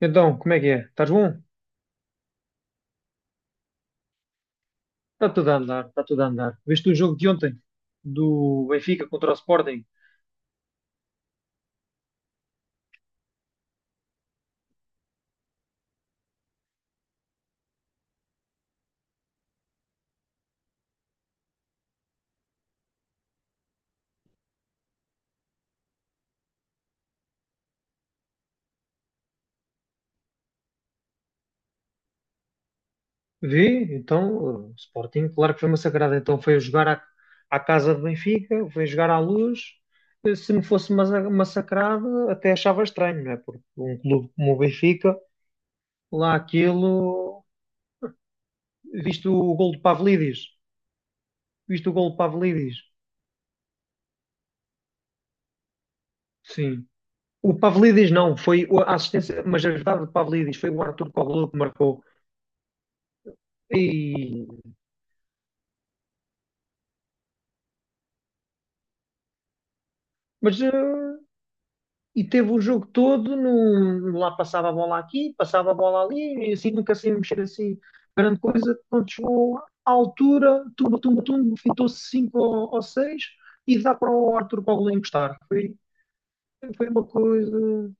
Então, como é que é? Estás bom? Está tudo a andar, está tudo a andar. Viste o jogo de ontem do Benfica contra o Sporting? Vi, então, o Sporting, claro que foi massacrado. Então foi jogar à, à casa de Benfica, foi jogar à luz. Se não fosse massa- massacrado, até achava estranho, não é? Porque um clube como o Benfica, lá aquilo. Viste o gol de Pavlidis? Viste o gol de Pavlidis? Sim. O Pavlidis não, foi a assistência, mas a verdade do Pavlidis foi o Arthur Cabral que marcou. Mas e teve o jogo todo, num, lá passava a bola aqui, passava a bola ali, e assim nunca sem mexer assim grande coisa. Quando chegou à altura, tumba, tumba, tumba, fintou-se 5 ou 6 e dá para o Arthur Paulo encostar. Foi uma coisa.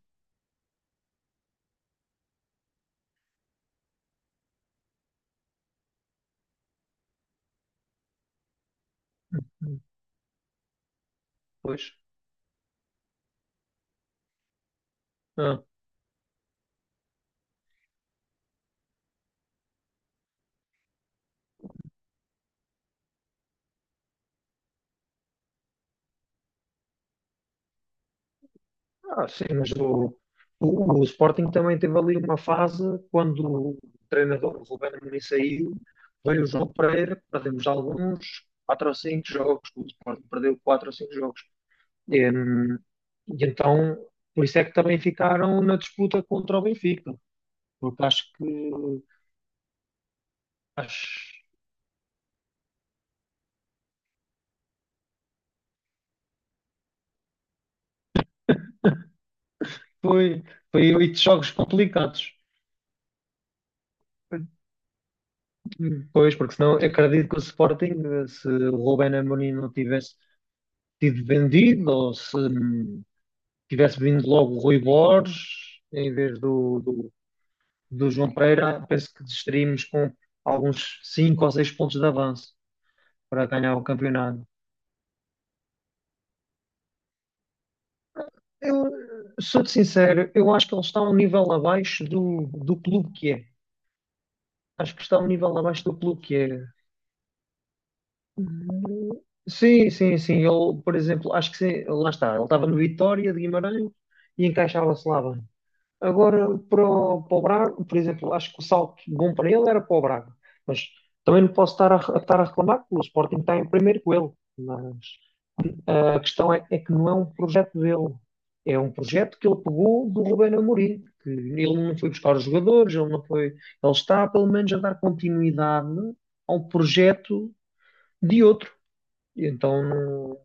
Pois. ah, Ah, sim, mas o Sporting também teve ali uma fase quando o treinador Rubén Amorim saiu, veio o João Pereira, perdemos alguns 4 ou 5 jogos, o Sporting perdeu 4 ou 5 jogos. E, hum, e então, por isso é que também ficaram na disputa contra o Benfica, porque acho que foi, foi oito jogos complicados. Pois, porque senão eu acredito que o Sporting, se o Rubén Amorim não tivesse tido vendido ou se tivesse vindo logo o Rui Borges em vez do João Pereira, penso que estaríamos com alguns 5 ou 6 pontos de avanço para ganhar o campeonato. Eu sou-te sincero, eu acho que ele está um nível abaixo do clube que é. Acho que está um nível abaixo do clube que é. Hum, Sim, sim, sim. Ele, por exemplo, acho que sim, lá está. Ele estava no Vitória de Guimarães e encaixava-se lá bem. Agora, para o Braga, por exemplo, acho que o salto bom para ele era para o Braga. Mas também não posso estar a reclamar que o Sporting está em primeiro com ele. Mas a questão é que não é um projeto dele. É um projeto que ele pegou do Rubén Amorim. Que ele não foi buscar os jogadores, ele não foi... Ele está, pelo menos, a dar continuidade ao projeto de outro. E então, não-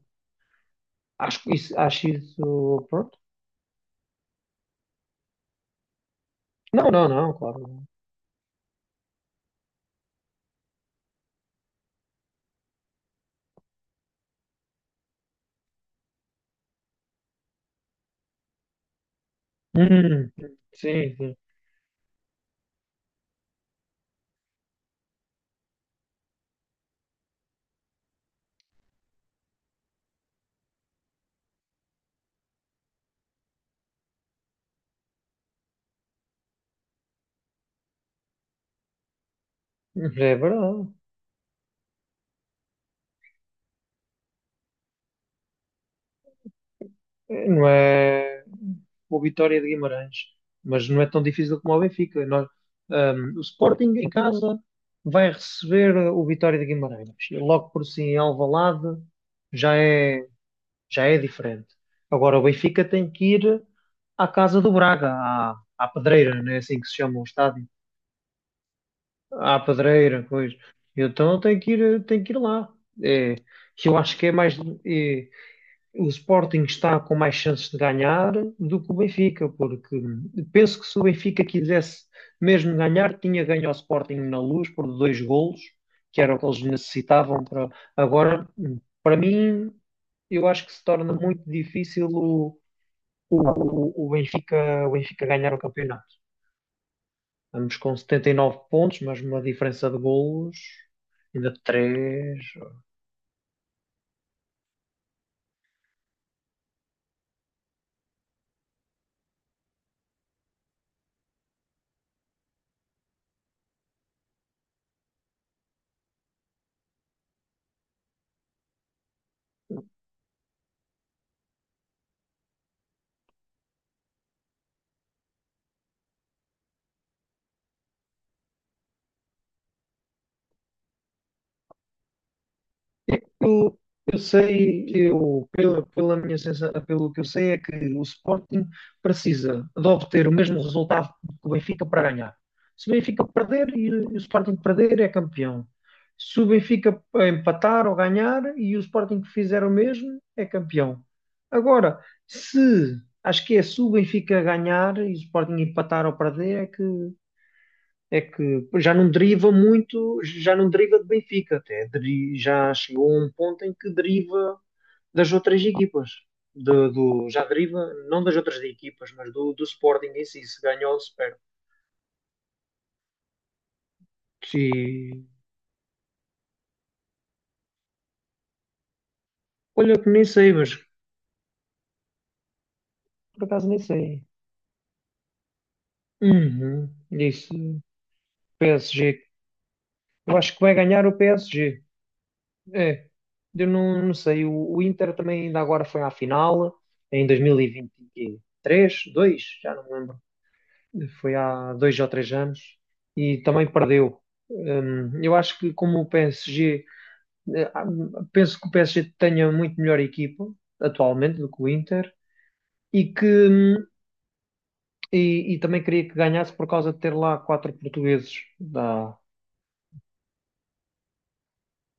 acho que isso, acho isso, pronto. Não, não, não, claro. Hum, sim, sim. Mas é verdade. É, não é o Vitória de Guimarães, mas não é tão difícil como o Benfica. O Sporting em casa vai receber o Vitória de Guimarães. E logo por si em Alvalade já é, já é diferente. Agora o Benfica tem que ir à casa do Braga, à, à Pedreira, não é assim que se chama o estádio? À Pedreira, coisa. Então tem que ir lá. É, que eu acho que é mais. O Sporting está com mais chances de ganhar do que o Benfica, porque penso que se o Benfica quisesse mesmo ganhar, tinha ganho ao Sporting na Luz por dois golos, que era o que eles necessitavam para agora. Para mim, eu acho que se torna muito difícil o Benfica, o Benfica ganhar o campeonato. Estamos com 79 pontos, mas uma diferença de golos ainda de 3. Eu, eu sei, eu, pela, pela minha sensação, pelo que eu sei, é que o Sporting precisa de obter o mesmo resultado que o Benfica para ganhar. Se o Benfica perder e o Sporting perder, é campeão. Se o Benfica empatar ou ganhar e o Sporting fizer o mesmo, é campeão. Agora, se acho que é se o Benfica ganhar e o Sporting empatar ou perder, é que já não deriva muito, já não deriva de Benfica, até deri- já chegou a um ponto em que deriva das outras equipas, do, do- já deriva não das outras equipas, mas do Sporting em si, se ganhou ou se perde. E, olha que nem sei, mas por acaso nem sei. Uhum, disse PSG. Eu acho que vai ganhar o PSG. É, eu não, não sei. O Inter também ainda agora foi à final em 2023, 2 já não me lembro. Foi há dois ou três anos, e também perdeu. Eu acho que como o PSG, eh, ah, penso que o PSG tenha muito melhor equipa atualmente do que o Inter e que e também queria que ganhasse por causa de ter lá quatro portugueses, da,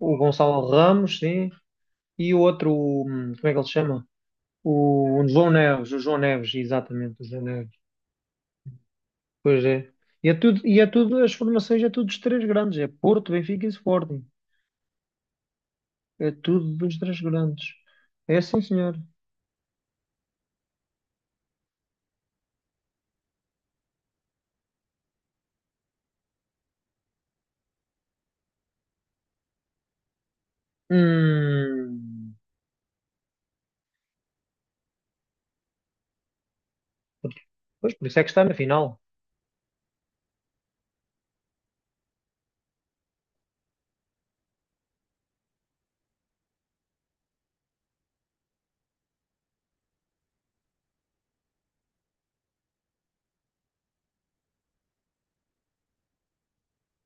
o Gonçalo Ramos, sim, e o outro, como é que ele se chama? O João Neves, o João Neves, exatamente, o João Neves. Pois é. E é tudo, as formações é tudo dos três grandes, é Porto, Benfica e Sporting. É tudo dos três grandes. É sim, senhor. Hum. Pois, por isso é que está na final.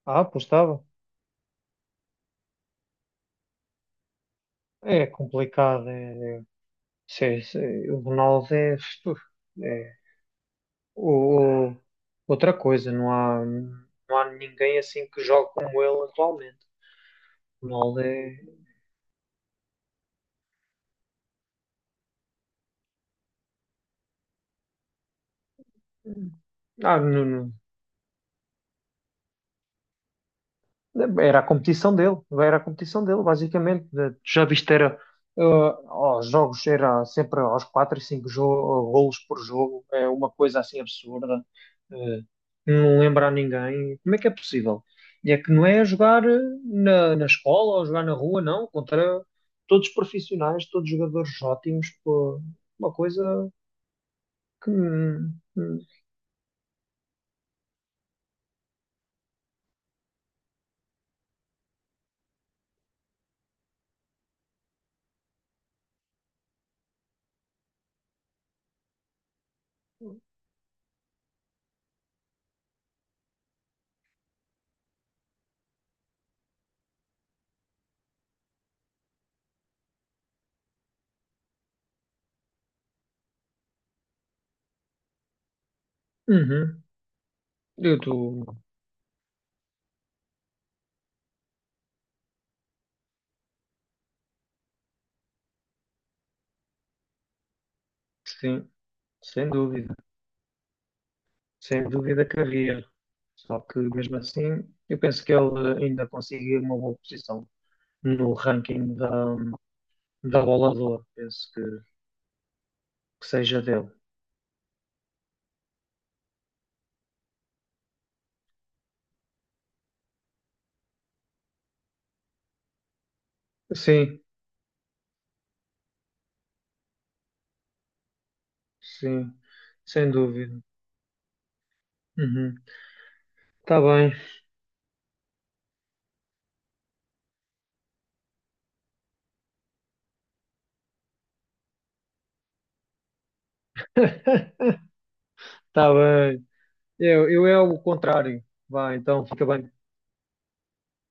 Ah, pois estava. É complicado. É, é- se- é, se- é, o Ronaldo é, uf, é o- outra coisa. Não há, não há ninguém assim que jogue como ele atualmente. O Ronaldo é. Hum. Ah, não, não. Era a competição dele, era a competição dele, basicamente. Tu já viste, eh, aos jogos, era sempre aos 4 e 5 golos por jogo, é uma coisa assim absurda, eh, não lembra a ninguém. Como é que é possível? E é que não é jogar na, na escola ou jogar na rua, não, contra todos profissionais, todos jogadores ótimos, pô, uma coisa que. Hum, Uhum. Eu estou, sim, sem dúvida. Sem dúvida que havia. Só que mesmo assim, eu penso que ele ainda conseguiu uma boa posição no ranking da, da bola de ouro. Penso que seja dele. Sim, sim, sem dúvida. Uhum. Tá bem, tá bem. Eu é o contrário. Vai, então fica bem.